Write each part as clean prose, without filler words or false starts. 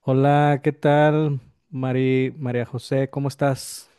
Hola, ¿qué tal? Mari, María José, ¿cómo estás?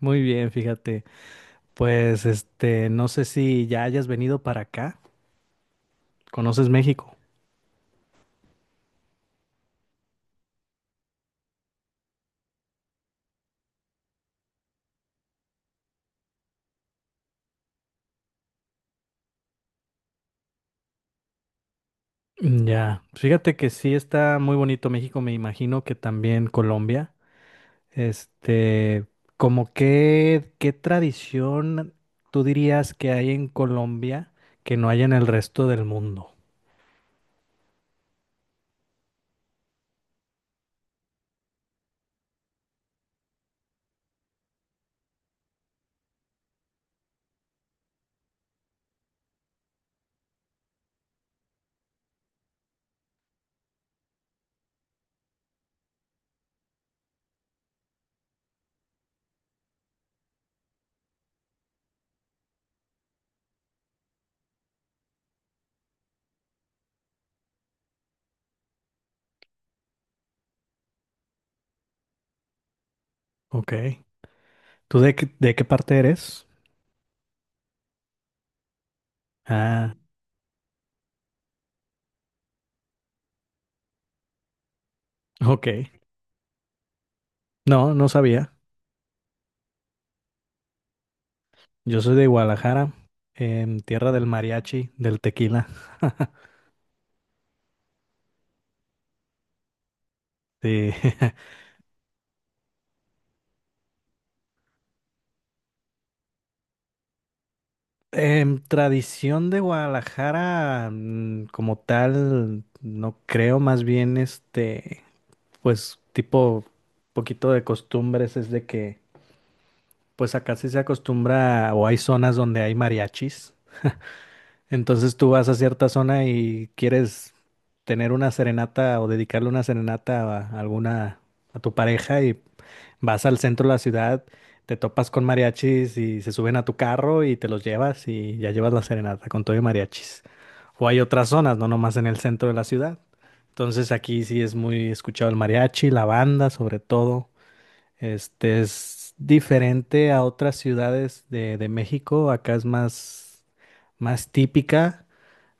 Muy bien, fíjate. Pues no sé si ya hayas venido para acá. ¿Conoces México? Ya, fíjate que sí está muy bonito México, me imagino que también Colombia. Este, como qué tradición tú dirías que hay en Colombia que no hay en el resto del mundo? Ok. ¿Tú de qué parte eres? Ah, ok. No, no sabía. Yo soy de Guadalajara, tierra del mariachi, del tequila. Sí. Tradición de Guadalajara, como tal, no creo, más bien pues tipo, poquito de costumbres es de que, pues acá sí se acostumbra o hay zonas donde hay mariachis. Entonces tú vas a cierta zona y quieres tener una serenata o dedicarle una serenata a alguna, a tu pareja y vas al centro de la ciudad, te topas con mariachis y se suben a tu carro y te los llevas y ya llevas la serenata con todo y mariachis. O hay otras zonas, no nomás en el centro de la ciudad. Entonces aquí sí es muy escuchado el mariachi, la banda sobre todo. Este es diferente a otras ciudades de México. Acá es más típica.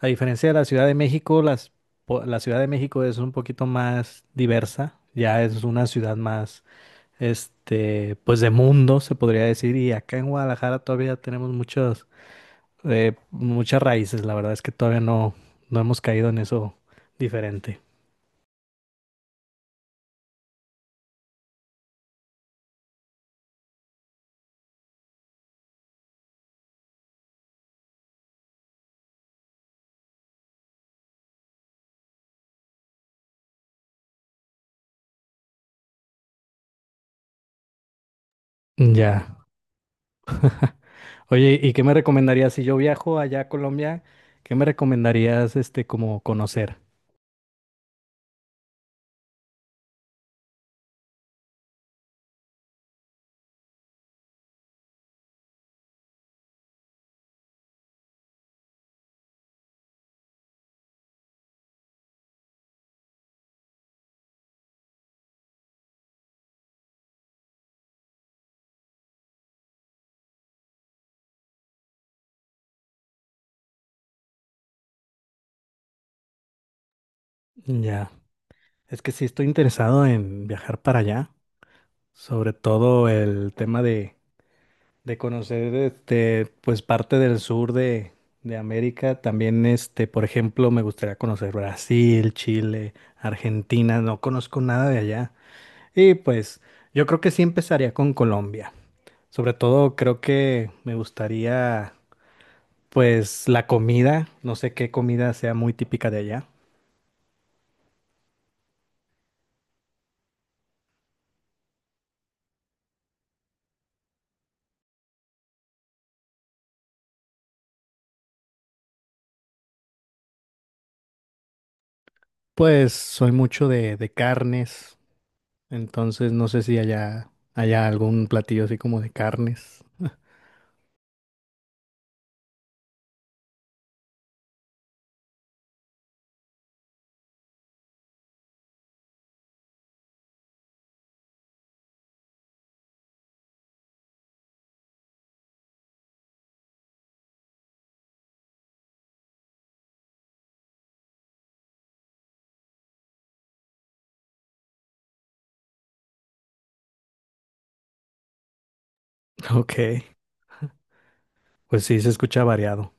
A diferencia de la Ciudad de México, la Ciudad de México es un poquito más diversa, ya es una ciudad más, pues de mundo, se podría decir, y acá en Guadalajara todavía tenemos muchos, muchas raíces, la verdad es que todavía no, no hemos caído en eso diferente. Ya. Oye, ¿y qué me recomendarías si yo viajo allá a Colombia? ¿Qué me recomendarías, como conocer? Ya. Es que sí estoy interesado en viajar para allá, sobre todo el tema de conocer pues parte de América. También, por ejemplo, me gustaría conocer Brasil, Chile, Argentina. No conozco nada de allá. Y pues yo creo que sí empezaría con Colombia. Sobre todo creo que me gustaría pues la comida. No sé qué comida sea muy típica de allá. Pues soy mucho de carnes. Entonces no sé si allá haya algún platillo así como de carnes. Ok. Pues sí, se escucha variado.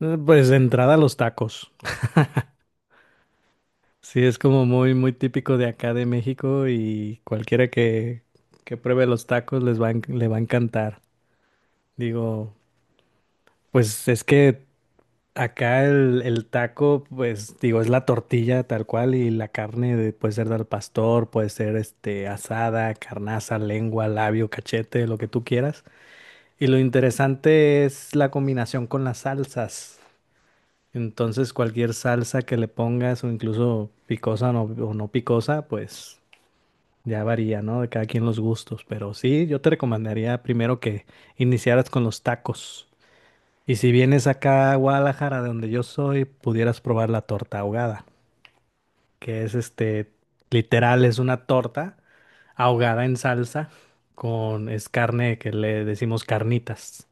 Pues de entrada los tacos. Sí, es como muy, muy típico de acá de México y que pruebe los tacos les va a, enc- le va a encantar. Digo, pues es que acá el taco, pues digo, es la tortilla tal cual y la puede ser del pastor, puede ser este asada, carnaza, lengua, labio, cachete, lo que tú quieras. Y lo interesante es la combinación con las salsas. Entonces cualquier salsa que le pongas o no picosa, pues ya varía, ¿no? De cada quien los gustos. Pero sí, yo te recomendaría primero que iniciaras con los tacos. Y si vienes acá a Guadalajara, de donde yo soy, pudieras probar la torta ahogada, que es literal, es una torta ahogada en salsa con, es carne que le decimos carnitas.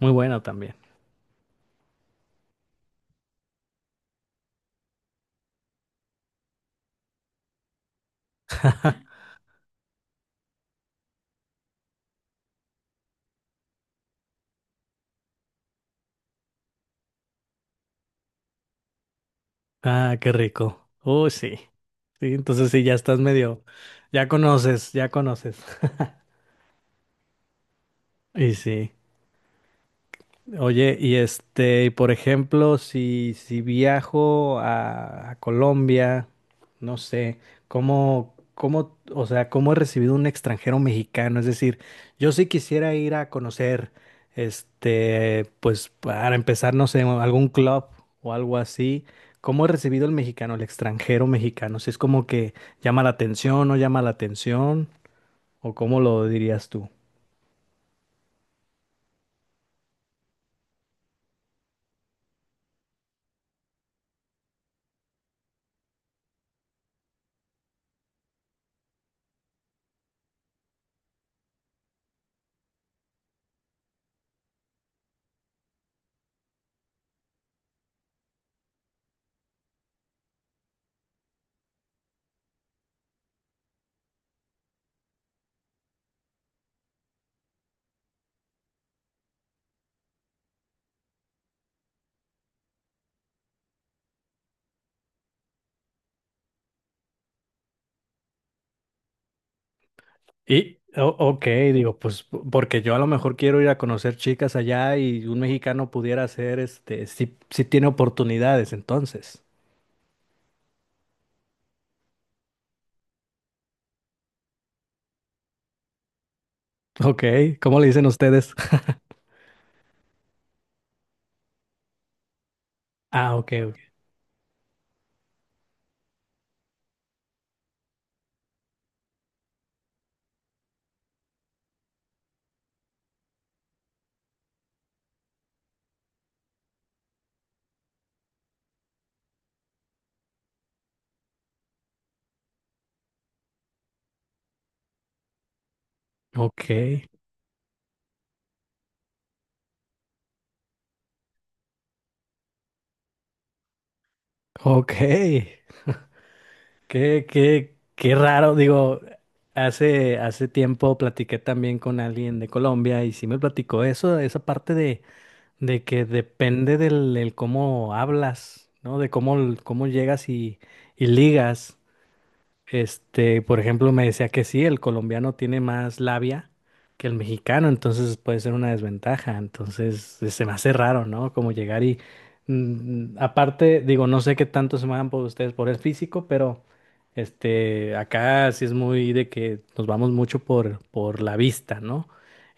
Muy bueno también. Ah, qué rico. Uy, sí. Sí, entonces sí, ya estás medio, ya conoces, ya conoces. Y sí. Oye, y por ejemplo, si viajo a Colombia, no sé, o sea, ¿cómo he recibido un extranjero mexicano? Es decir, yo sí quisiera ir a conocer, pues para empezar, no sé, algún club o algo así. ¿Cómo he recibido el mexicano, el extranjero mexicano? Si es como que llama la atención, no llama la atención, o cómo lo dirías tú. Y, ok, digo, porque yo a lo mejor quiero ir a conocer chicas allá y un mexicano pudiera hacer, si tiene oportunidades, entonces. Ok, ¿cómo le dicen ustedes? Ah, ok, ok. Qué raro, digo, hace tiempo platiqué también con alguien de Colombia y sí me platicó eso, esa parte de que depende del cómo hablas, ¿no? Cómo llegas y ligas. Por ejemplo, me decía que sí, el colombiano tiene más labia que el mexicano, entonces puede ser una desventaja. Entonces, se me hace raro, ¿no? Como llegar y aparte, digo, no sé qué tanto se van por ustedes por el físico, pero acá sí es muy de que nos vamos mucho por la vista, ¿no?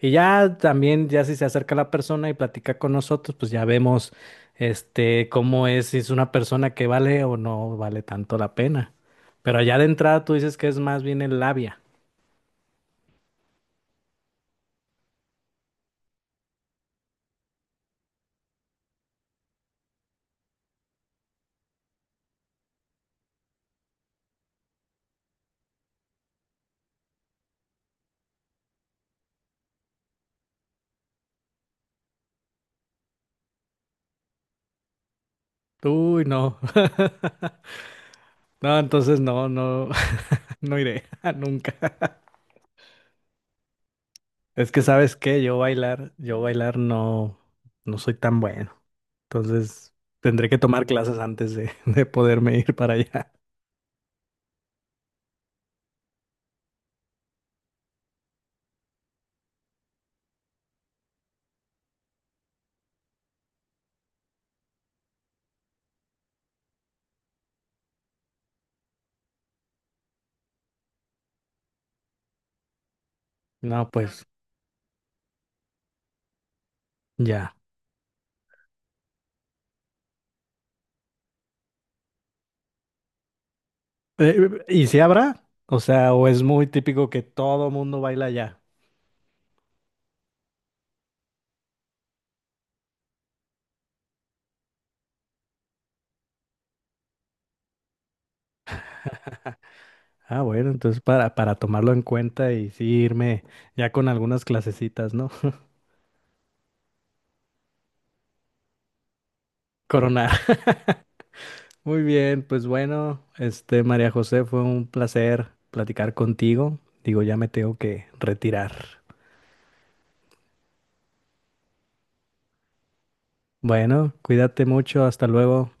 Y ya también, ya si se acerca la persona y platica con nosotros, pues ya vemos, cómo es, si es una persona que vale o no vale tanto la pena. Pero allá de entrada tú dices que es más bien el labia. Uy, no. No, entonces no, no, no iré nunca. Es que sabes qué, yo bailar no, no soy tan bueno. Entonces tendré que tomar clases antes de, de poderme ir para allá. No, pues ya. ¿Y si habrá? O sea, o es muy típico que todo mundo baila allá. Ah, bueno, entonces para tomarlo en cuenta y sí irme ya con algunas clasecitas, ¿no? Coronar. Muy bien, pues bueno, este María José, fue un placer platicar contigo. Digo, ya me tengo que retirar. Bueno, cuídate mucho, hasta luego.